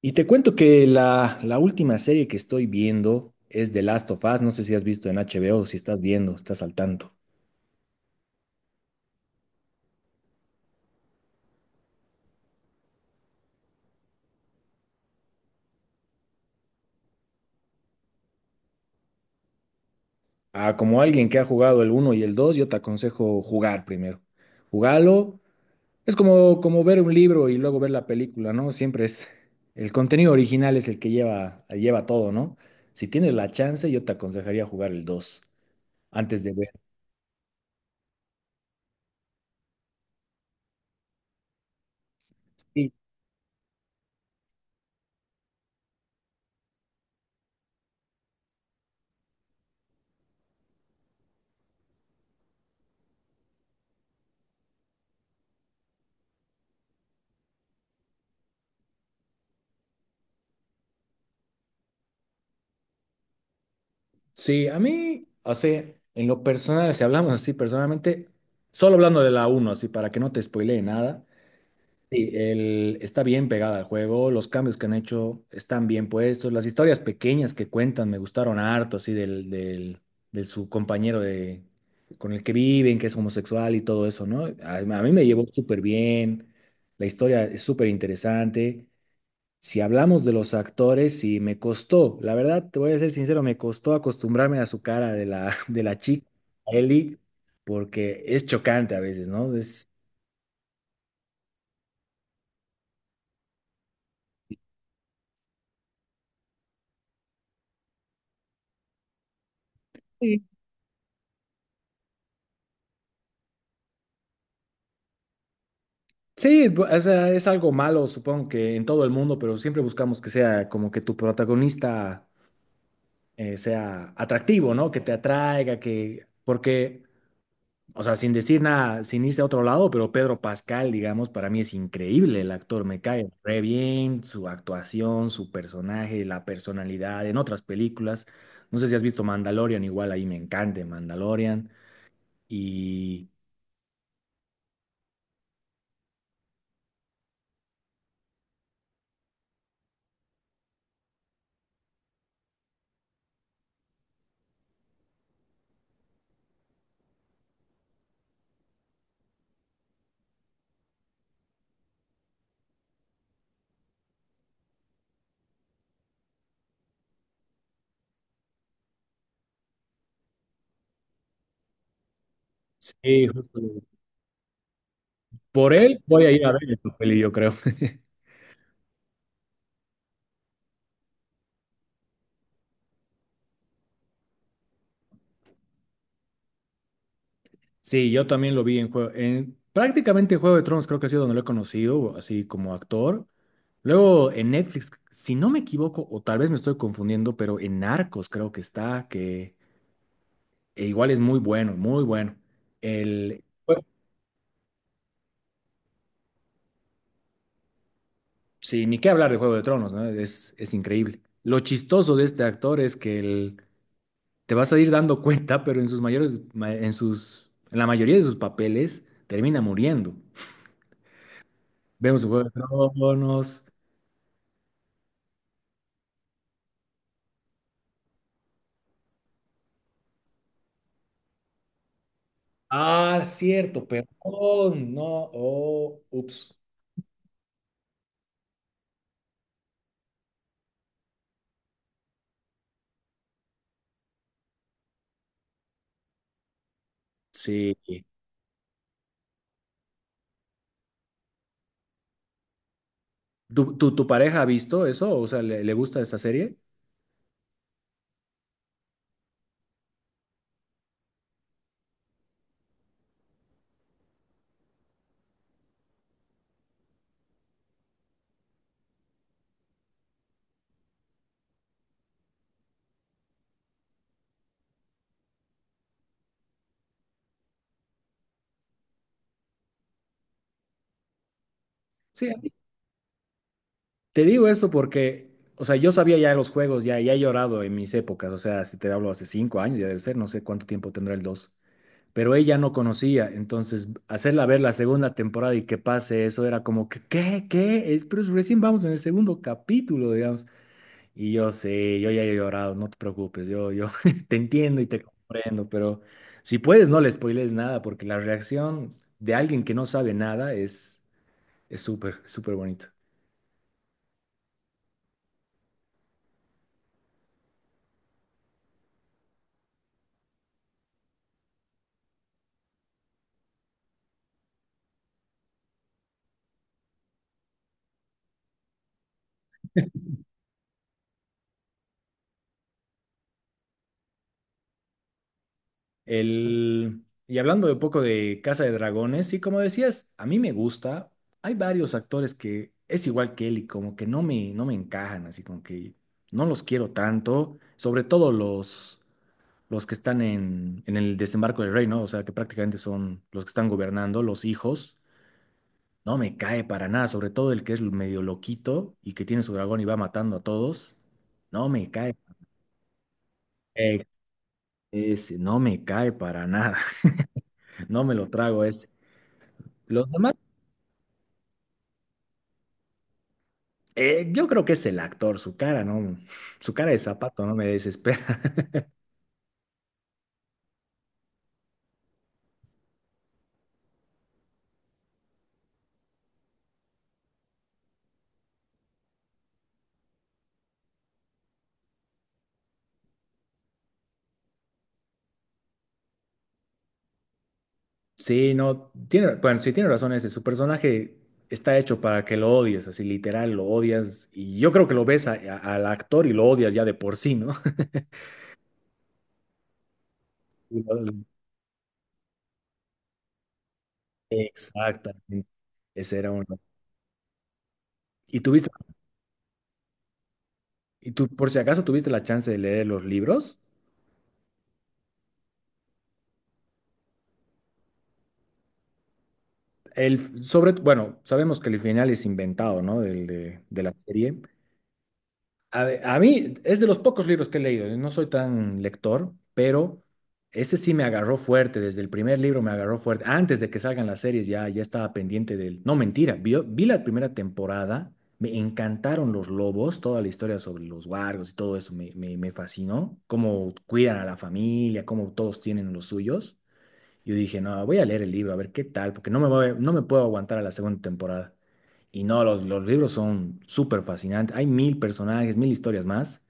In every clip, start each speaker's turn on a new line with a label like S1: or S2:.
S1: Y te cuento que la última serie que estoy viendo es The Last of Us. No sé si has visto en HBO, si estás viendo, estás al tanto. Ah, como alguien que ha jugado el uno y el 2, yo te aconsejo jugar primero. Jugalo. Es como, como ver un libro y luego ver la película, ¿no? Siempre es... El contenido original es el que lleva todo, ¿no? Si tienes la chance, yo te aconsejaría jugar el 2 antes de ver. Sí, Sí, a mí, o sea, en lo personal, si hablamos así personalmente, solo hablando de la uno, así para que no te spoilee nada, sí, el, está bien pegada al juego, los cambios que han hecho están bien puestos, las historias pequeñas que cuentan me gustaron harto, de su compañero de, con el que viven, que es homosexual y todo eso, ¿no? A mí me llevó súper bien, la historia es súper interesante. Si hablamos de los actores, y me costó, la verdad, te voy a ser sincero, me costó acostumbrarme a su cara de la, de la chica, a Ellie, porque es chocante a veces, ¿no? Es, sí, o sea, es algo malo, supongo que en todo el mundo, pero siempre buscamos que sea como que tu protagonista sea atractivo, ¿no? Que te atraiga, que, porque o sea, sin decir nada, sin irse a otro lado, pero Pedro Pascal, digamos, para mí es increíble el actor, me cae re bien, su actuación, su personaje, la personalidad, en otras películas. No sé si has visto Mandalorian, igual ahí me encanta Mandalorian. Y sí, justo por él voy a ir a ver esta peli, yo creo. Sí, yo también lo vi en juego, en prácticamente Juego de Tronos creo que ha sido donde lo he conocido, así como actor. Luego en Netflix, si no me equivoco, o tal vez me estoy confundiendo, pero en Narcos creo que está, que e igual es muy bueno, muy bueno. El, bueno, sí, ni qué hablar de Juego de Tronos, ¿no? Es increíble. Lo chistoso de este actor es que el- te vas a ir dando cuenta, pero en sus mayores, ma- en sus, en la mayoría de sus papeles termina muriendo. Vemos en Juego de Tronos. Ah, cierto, perdón, no, oh, ups. Sí. ¿Tu pareja ha visto eso? O sea, ¿le gusta esta serie? Sí, a mí, te digo eso porque, o sea, yo sabía ya los juegos, ya, ya he llorado en mis épocas, o sea, si te hablo hace 5 años, ya debe ser, no sé cuánto tiempo tendrá el 2. Pero ella no conocía, entonces hacerla ver la segunda temporada y que pase eso era como que, ¿qué? ¿Qué? Es, pero recién vamos en el segundo capítulo, digamos. Y yo sé, yo ya he llorado, no te preocupes, yo te entiendo y te comprendo, pero si puedes no le spoilees nada, porque la reacción de alguien que no sabe nada es es súper, súper bonito. El, y hablando de un poco de Casa de Dragones, y como decías, a mí me gusta, hay varios actores que es igual que él y como que no me, no me encajan, así como que no los quiero tanto, sobre todo los que están en el desembarco del rey, ¿no? O sea, que prácticamente son los que están gobernando, los hijos. No me cae para nada, sobre todo el que es medio loquito y que tiene su dragón y va matando a todos. No me cae. eh, Ese, no me cae para nada. No me lo trago ese. Los demás, yo creo que es el actor, su cara, ¿no? Su cara de zapato no me desespera. Sí, no, tiene, bueno, sí tiene razón ese, su personaje está hecho para que lo odies, así literal, lo odias, y yo creo que lo ves a- al actor y lo odias ya de por sí, ¿no? Y lo- exactamente, ese era uno. ¿Y tuviste, y tú por si acaso tuviste la chance de leer los libros? El, sobre, bueno, sabemos que el final es inventado, ¿no? Del, de la serie, a, ve- a mí es de los pocos libros que he leído, yo no soy tan lector, pero ese sí me agarró fuerte, desde el primer libro me agarró fuerte. Antes de que salgan las series ya, ya estaba pendiente del... No, mentira, vi la primera temporada, me encantaron los lobos, toda la historia sobre los wargos y todo eso me fascinó, cómo cuidan a la familia, cómo todos tienen los suyos. Yo dije, no, voy a leer el libro, a ver qué tal, porque no me voy- no me puedo aguantar a la segunda temporada. Y no, los libros son súper fascinantes. Hay mil personajes, mil historias más.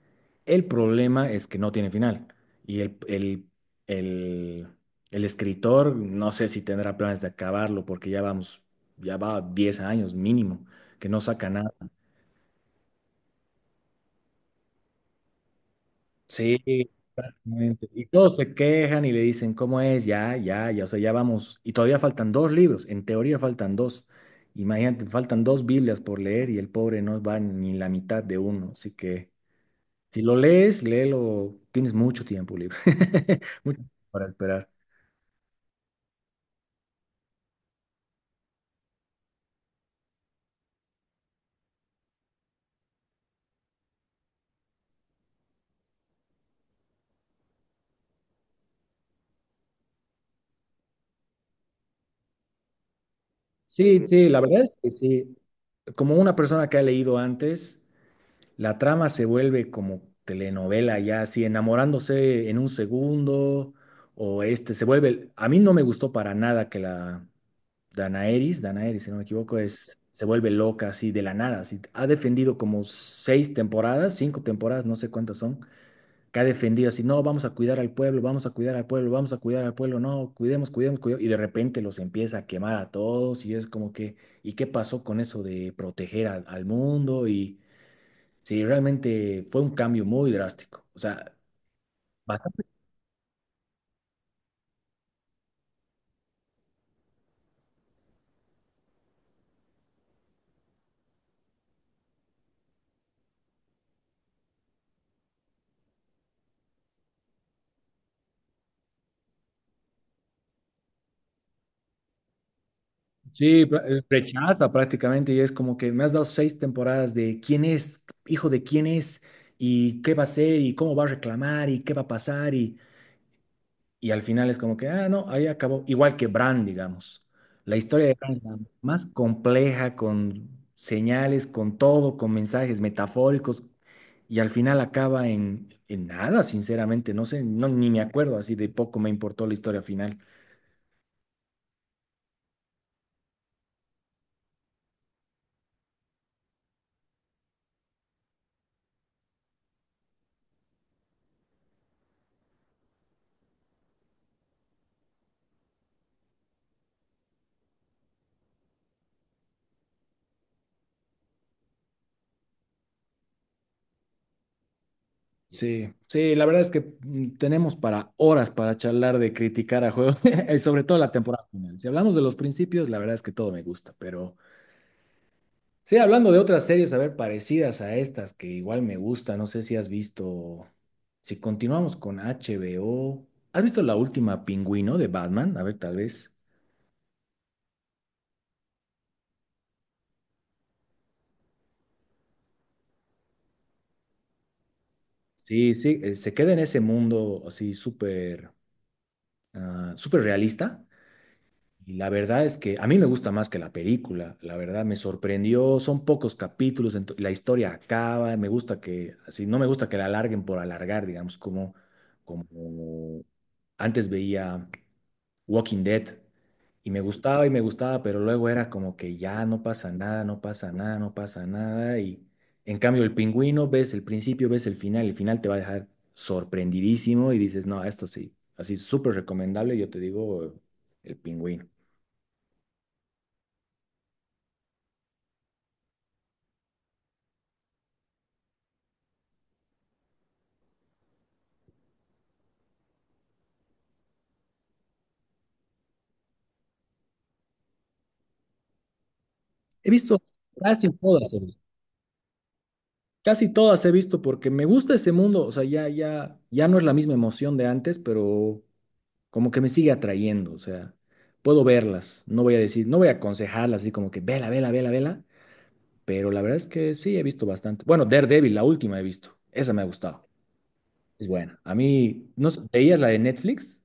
S1: El problema es que no tiene final. Y el, el escritor, no sé si tendrá planes de acabarlo, porque ya vamos, ya va 10 años mínimo, que no saca nada. Sí, exactamente. Y todos se quejan y le dicen, ¿cómo es? Ya, ya, ya, o sea, ya vamos. Y todavía faltan dos libros, en teoría faltan dos. Imagínate, faltan dos Biblias por leer y el pobre no va ni la mitad de uno. Así que si lo lees, léelo, tienes mucho tiempo libre, mucho tiempo para esperar. Sí, sí, la verdad es que sí. Como una persona que ha leído antes, la trama se vuelve como telenovela ya, así enamorándose en un segundo, o este, se vuelve, a mí no me gustó para nada que la Danaeris, Danaeris, si no me equivoco, es, se vuelve loca así de la nada, así, ha defendido como seis temporadas, cinco temporadas, no sé cuántas son, que ha defendido así, no, vamos a cuidar al pueblo, vamos a cuidar al pueblo, vamos a cuidar al pueblo, no, cuidemos, cuidemos, cuidemos, y de repente los empieza a quemar a todos, y es como que, ¿y qué pasó con eso de proteger al mundo? Y... Sí, realmente fue un cambio muy drástico. O sea, bastante. Sí, pra- rechaza prácticamente y es como que me has dado seis temporadas de quién es, hijo de quién es, y qué va a hacer, y cómo va a reclamar, y qué va a pasar, y al final es como que, ah, no, ahí acabó. Igual que Bran, digamos. La historia de Bran es la más compleja, con señales, con todo, con mensajes metafóricos, y al final acaba en nada, sinceramente, no sé, no, ni me acuerdo, así de poco me importó la historia final. Sí, sí, la verdad es que tenemos para horas para charlar de criticar a juegos, y sobre todo la temporada final. Si hablamos de los principios, la verdad es que todo me gusta, pero sí, hablando de otras series, a ver, parecidas a estas que igual me gustan, no sé si has visto, si continuamos con HBO, ¿has visto la última Pingüino de Batman? A ver, tal vez. Sí, sí, se queda en ese mundo así súper, ah, súper realista. Y la verdad es que a mí me gusta más que la película, la verdad me sorprendió, son pocos capítulos, ento- la historia acaba, me gusta que, así, no me gusta que la alarguen por alargar, digamos, como, como antes veía Walking Dead y me gustaba, pero luego era como que ya no pasa nada, no pasa nada, no pasa nada y en cambio el pingüino ves el principio, ves el final te va a dejar sorprendidísimo y dices, no, esto sí, así súper recomendable, yo te digo, el pingüino. He visto casi todas, he visto. Casi todas he visto porque me gusta ese mundo, o sea, ya, ya, ya no es la misma emoción de antes, pero como que me sigue atrayendo, o sea, puedo verlas, no voy a decir, no voy a aconsejarlas así como que vela, vela, vela, vela, pero la verdad es que sí he visto bastante. Bueno, Daredevil, la última he visto, esa me ha gustado, es buena. A mí, no sé, ¿veías la de Netflix?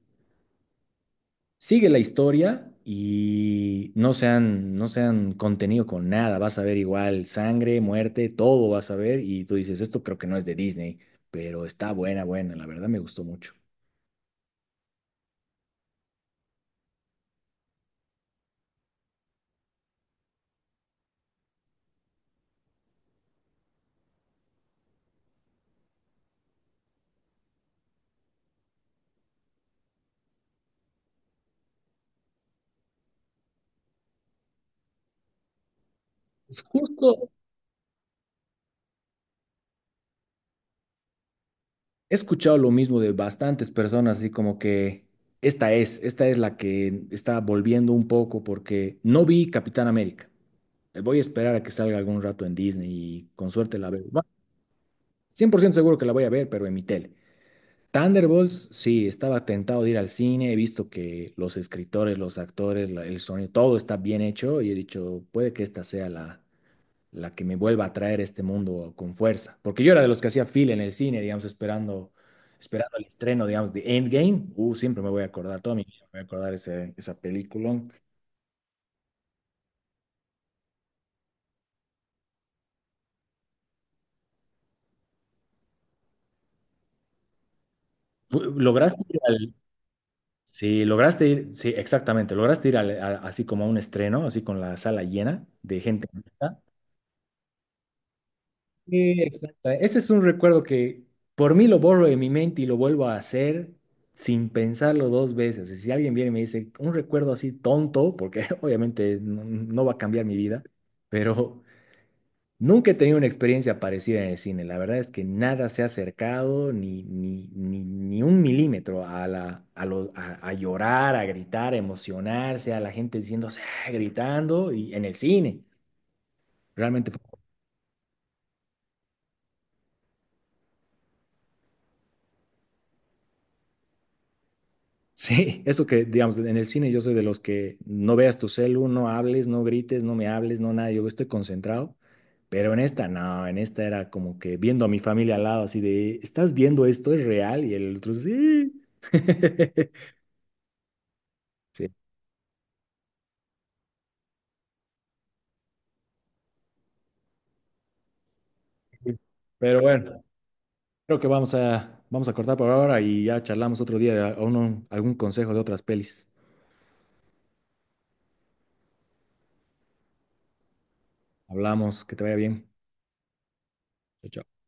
S1: Sigue la historia y no se han contenido con nada. Vas a ver igual sangre, muerte, todo vas a ver. Y tú dices, esto creo que no es de Disney, pero está buena, buena. La verdad me gustó mucho. Es justo, he escuchado lo mismo de bastantes personas, así como que esta es la que está volviendo un poco porque no vi Capitán América. Voy a esperar a que salga algún rato en Disney y con suerte la veo. Bueno, 100% seguro que la voy a ver, pero en mi tele. Thunderbolts, sí, estaba tentado de ir al cine, he visto que los escritores, los actores, la- el sonido, todo está bien hecho y he dicho, puede que esta sea la, la que me vuelva a traer este mundo con fuerza. Porque yo era de los que hacía fila en el cine, digamos, esperando, esperando el estreno, digamos, de Endgame. Siempre me voy a acordar, toda mi vida me voy a acordar ese, esa película. Fu- ¿Lograste ir al... Sí, lograste ir, sí, exactamente, lograste ir al- a- así como a un estreno, así con la sala llena de gente. Sí, exacto. Ese es un recuerdo que por mí lo borro de mi mente y lo vuelvo a hacer sin pensarlo dos veces. Y si alguien viene y me dice un recuerdo así tonto, porque obviamente no, no va a cambiar mi vida, pero nunca he tenido una experiencia parecida en el cine. La verdad es que nada se ha acercado ni un milímetro a, la, a, lo- a llorar, a gritar, a emocionarse, a la gente diciéndose, "Ah", gritando y en el cine. Realmente sí, eso que, digamos, en el cine yo soy de los que no veas tu celu, no hables, no grites, no me hables, no nada, yo estoy concentrado, pero en esta no, en esta era como que viendo a mi familia al lado, así de, ¿estás viendo esto? ¿Es real? Y el otro, sí. Sí. Pero bueno, creo que vamos a, vamos a cortar por ahora y ya charlamos otro día de a- uno- algún consejo de otras pelis. Hablamos, que te vaya bien. Chao, chao.